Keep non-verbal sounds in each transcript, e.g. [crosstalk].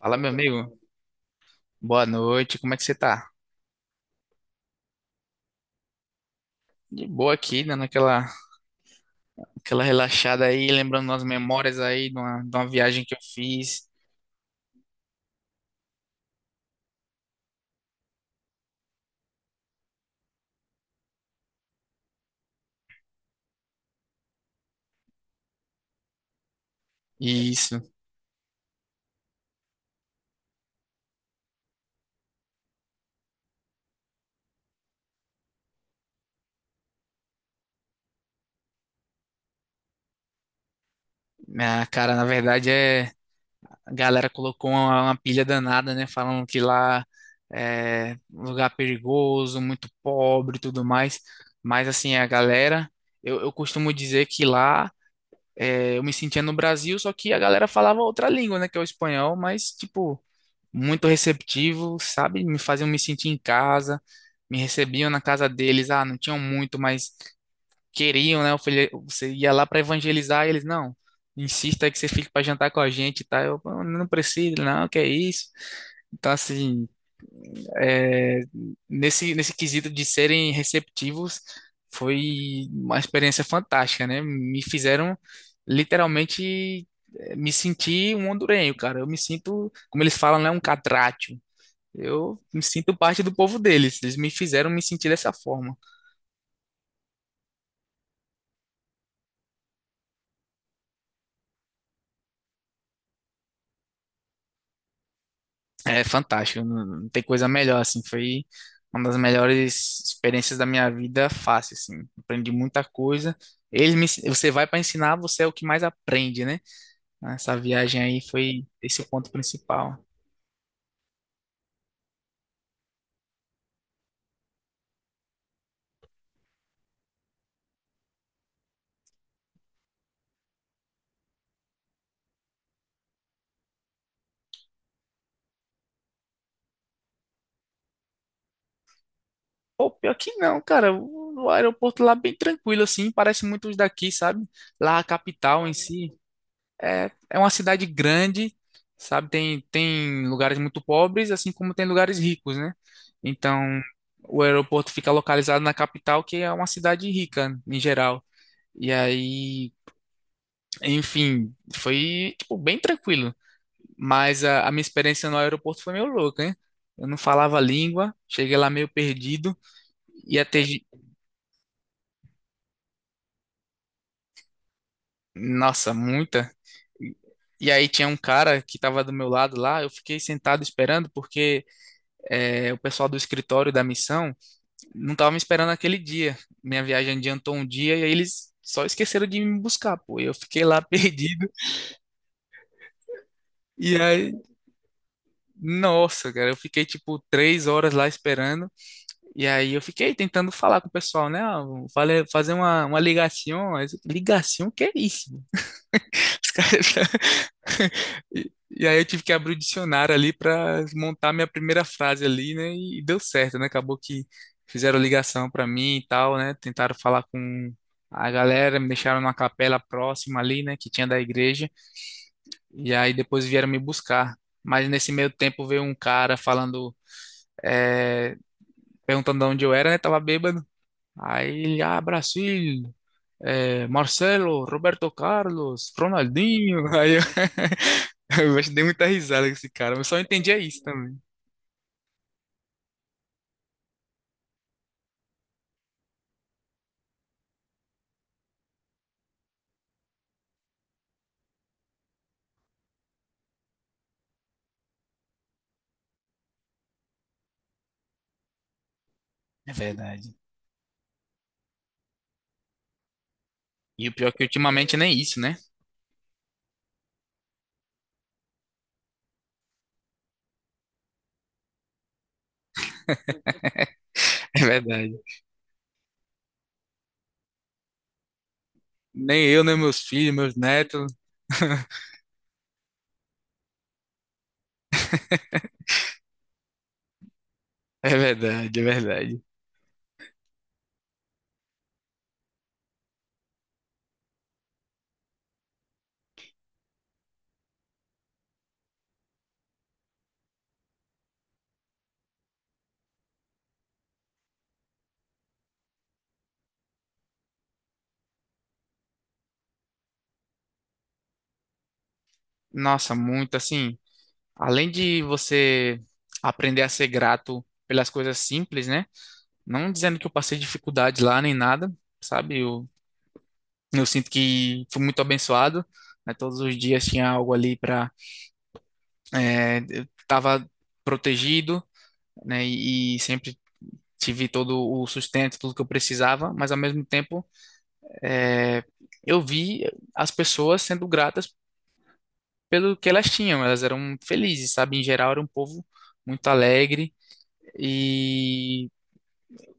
Fala, meu amigo. Boa noite. Como é que você tá? De boa aqui, dando aquela relaxada aí, lembrando umas memórias aí de uma viagem que eu fiz. Isso. Ah, cara, na verdade A galera colocou uma pilha danada, né? Falando que lá é um lugar perigoso, muito pobre e tudo mais. Mas assim, a galera. Eu costumo dizer que lá eu me sentia no Brasil, só que a galera falava outra língua, né? Que é o espanhol, mas tipo. Muito receptivo, sabe? Me faziam me sentir em casa, me recebiam na casa deles. Ah, não tinham muito, mas queriam, né? Você ia lá para evangelizar e eles, não, insista aí que você fique para jantar com a gente, tá? Eu "Pô, não preciso, não, que é isso. Então, assim, é, nesse quesito de serem receptivos, foi uma experiência fantástica, né? Me fizeram literalmente me sentir um hondurenho, cara. Eu me sinto, como eles falam, né? Um catrate, eu me sinto parte do povo deles. Eles me fizeram me sentir dessa forma. É fantástico. Não, não tem coisa melhor, assim. Foi uma das melhores experiências da minha vida, fácil, assim. Aprendi muita coisa. Você vai para ensinar, você é o que mais aprende, né? Essa viagem aí foi esse o ponto principal. Pô, pior que não, cara. O aeroporto lá é bem tranquilo, assim. Parece muito os daqui, sabe? Lá a capital em si. É uma cidade grande, sabe? Tem lugares muito pobres, assim como tem lugares ricos, né? Então, o aeroporto fica localizado na capital, que é uma cidade rica, em geral. E aí, enfim, foi, tipo, bem tranquilo. Mas a minha experiência no aeroporto foi meio louca, hein? Eu não falava a língua, cheguei lá meio perdido. Ia ter... ge- Nossa, muita... E aí tinha um cara que tava do meu lado lá, eu fiquei sentado esperando porque o pessoal do escritório da missão não estava me esperando aquele dia. Minha viagem adiantou um dia e aí eles só esqueceram de me buscar, pô. Eu fiquei lá [laughs] perdido e aí, nossa, cara, eu fiquei tipo 3 horas lá esperando e aí eu fiquei tentando falar com o pessoal, né? Ah, fazer uma ligação, ligação, que é isso? [laughs] Os caras E aí eu tive que abrir o dicionário ali para montar minha primeira frase ali, né? E deu certo, né? Acabou que fizeram ligação para mim e tal, né? Tentaram falar com a galera, me deixaram numa capela próxima ali, né? Que tinha da igreja. E aí depois vieram me buscar. Mas nesse meio tempo veio um cara falando, é, perguntando de onde eu era, né? Tava bêbado. Aí ele, ah, Brasil, Marcelo, Roberto Carlos, Ronaldinho. [laughs] Aí eu, [laughs] eu acho que dei muita risada com esse cara, mas só entendia isso também. É verdade. E o pior é que ultimamente nem isso, né? [laughs] É verdade. Nem eu, nem meus filhos, meus netos. [laughs] É verdade, é verdade. Nossa, muito assim. Além de você aprender a ser grato pelas coisas simples, né? Não dizendo que eu passei dificuldade lá nem nada, sabe? Eu sinto que fui muito abençoado, né? Todos os dias tinha algo ali para eu estava protegido, né? E sempre tive todo o sustento, tudo que eu precisava, mas ao mesmo tempo é, eu vi as pessoas sendo gratas pelo que elas tinham, elas eram felizes, sabe? Em geral era um povo muito alegre e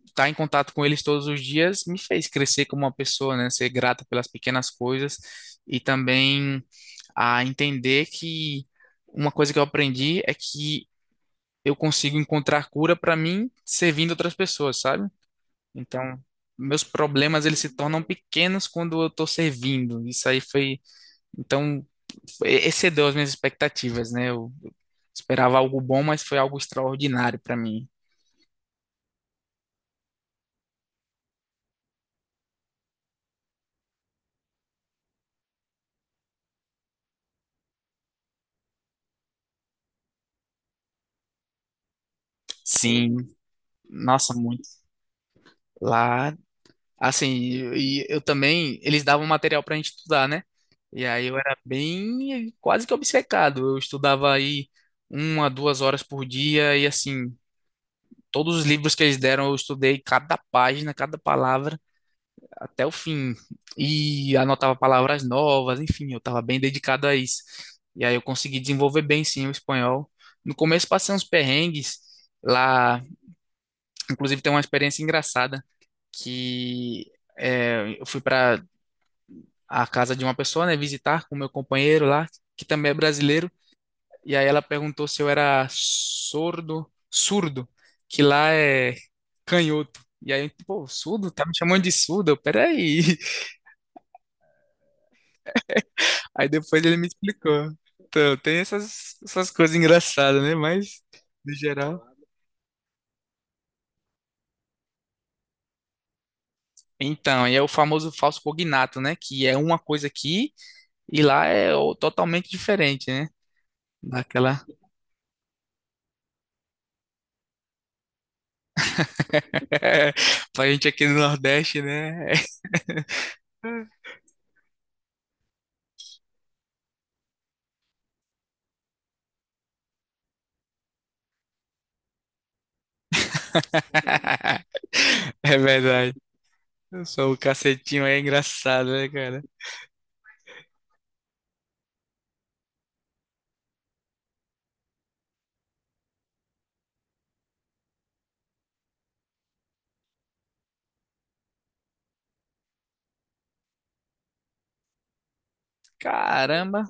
estar em contato com eles todos os dias me fez crescer como uma pessoa, né? Ser grata pelas pequenas coisas e também a entender que uma coisa que eu aprendi é que eu consigo encontrar cura para mim servindo outras pessoas, sabe? Então, meus problemas eles se tornam pequenos quando eu estou servindo. Isso aí foi, então, excedeu as minhas expectativas, né? Eu esperava algo bom, mas foi algo extraordinário para mim. Sim, nossa, muito. Lá assim, e eu também, eles davam material pra gente estudar, né? E aí eu era bem, quase que obcecado. Eu estudava aí uma, 2 horas por dia e assim, todos os livros que eles deram eu estudei cada página, cada palavra até o fim. E anotava palavras novas, enfim, eu estava bem dedicado a isso. E aí eu consegui desenvolver bem sim o espanhol. No começo passei uns perrengues lá, inclusive tem uma experiência engraçada que eu fui para à casa de uma pessoa, né, visitar com meu companheiro lá, que também é brasileiro, e aí ela perguntou se eu era sordo, surdo, que lá é canhoto. E aí, pô, surdo? Tá me chamando de surdo? Eu, Peraí. [laughs] Aí depois ele me explicou. Então, tem essas coisas engraçadas, né? Mas, no geral. Então, e é o famoso falso cognato, né? Que é uma coisa aqui e lá é o- totalmente diferente, né? Daquela. [laughs] Pra gente aqui no Nordeste, né? [laughs] É verdade. Eu sou o cacetinho aí, é engraçado, né, cara? Caramba,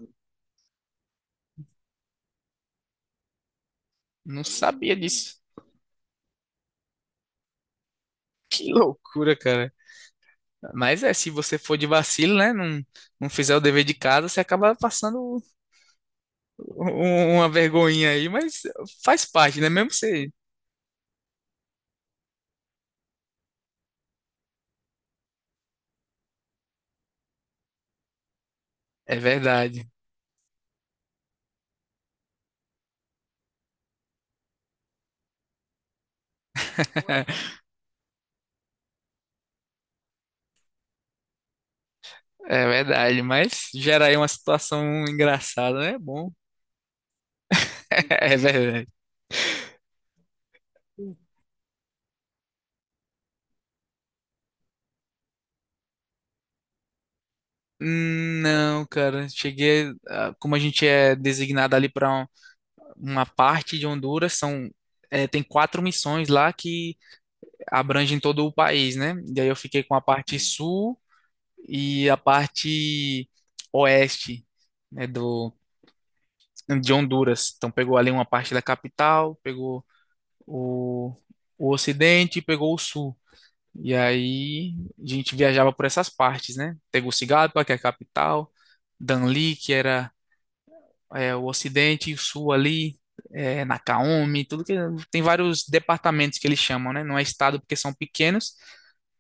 não sabia disso. Que loucura, cara. Mas é, se você for de vacilo, né? Não, não fizer o dever de casa, você acaba passando um, uma vergonhinha aí, mas faz parte, né? Mesmo você. É verdade. [laughs] É verdade, mas gera aí uma situação engraçada, né? É bom. [laughs] É verdade. Não, cara, cheguei, ah, como a gente é designado ali para uma parte de Honduras, são, é, tem 4 missões lá que abrangem todo o país, né? E aí eu fiquei com a parte sul e a parte oeste, né, do, de Honduras. Então pegou ali uma parte da capital, pegou o, o ocidente e pegou o sul. E aí a gente viajava por essas partes, né? Tegucigalpa, que é a capital, Danlí, que era o Ocidente e o Sul ali, é, Nakaomi, tudo que tem vários departamentos que eles chamam, né? Não é estado porque são pequenos,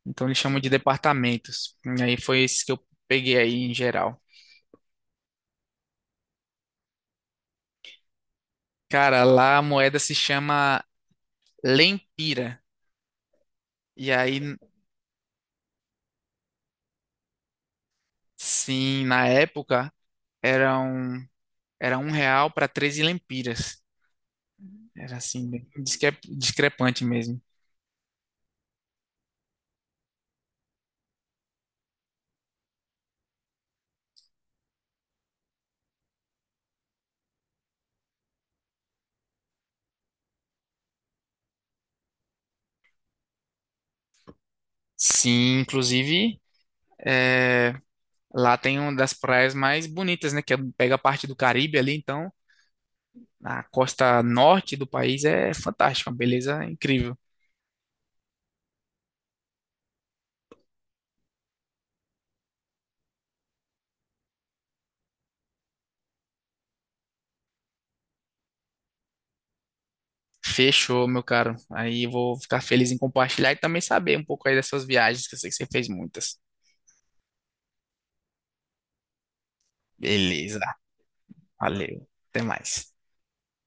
então eles chamam de departamentos. E aí foi esse que eu peguei aí em geral. Cara, lá a moeda se chama lempira. E aí, sim, na época era um, era um real para 13 lempiras. Era assim, bem discrepante mesmo. Sim, inclusive. é, Lá tem uma das praias mais bonitas, né? Pega a parte do Caribe ali, então a costa norte do país é fantástica, uma beleza incrível. Fechou, meu caro. Aí eu vou ficar feliz em compartilhar e também saber um pouco aí das suas viagens, que eu sei que você fez muitas. Beleza, valeu. Até mais.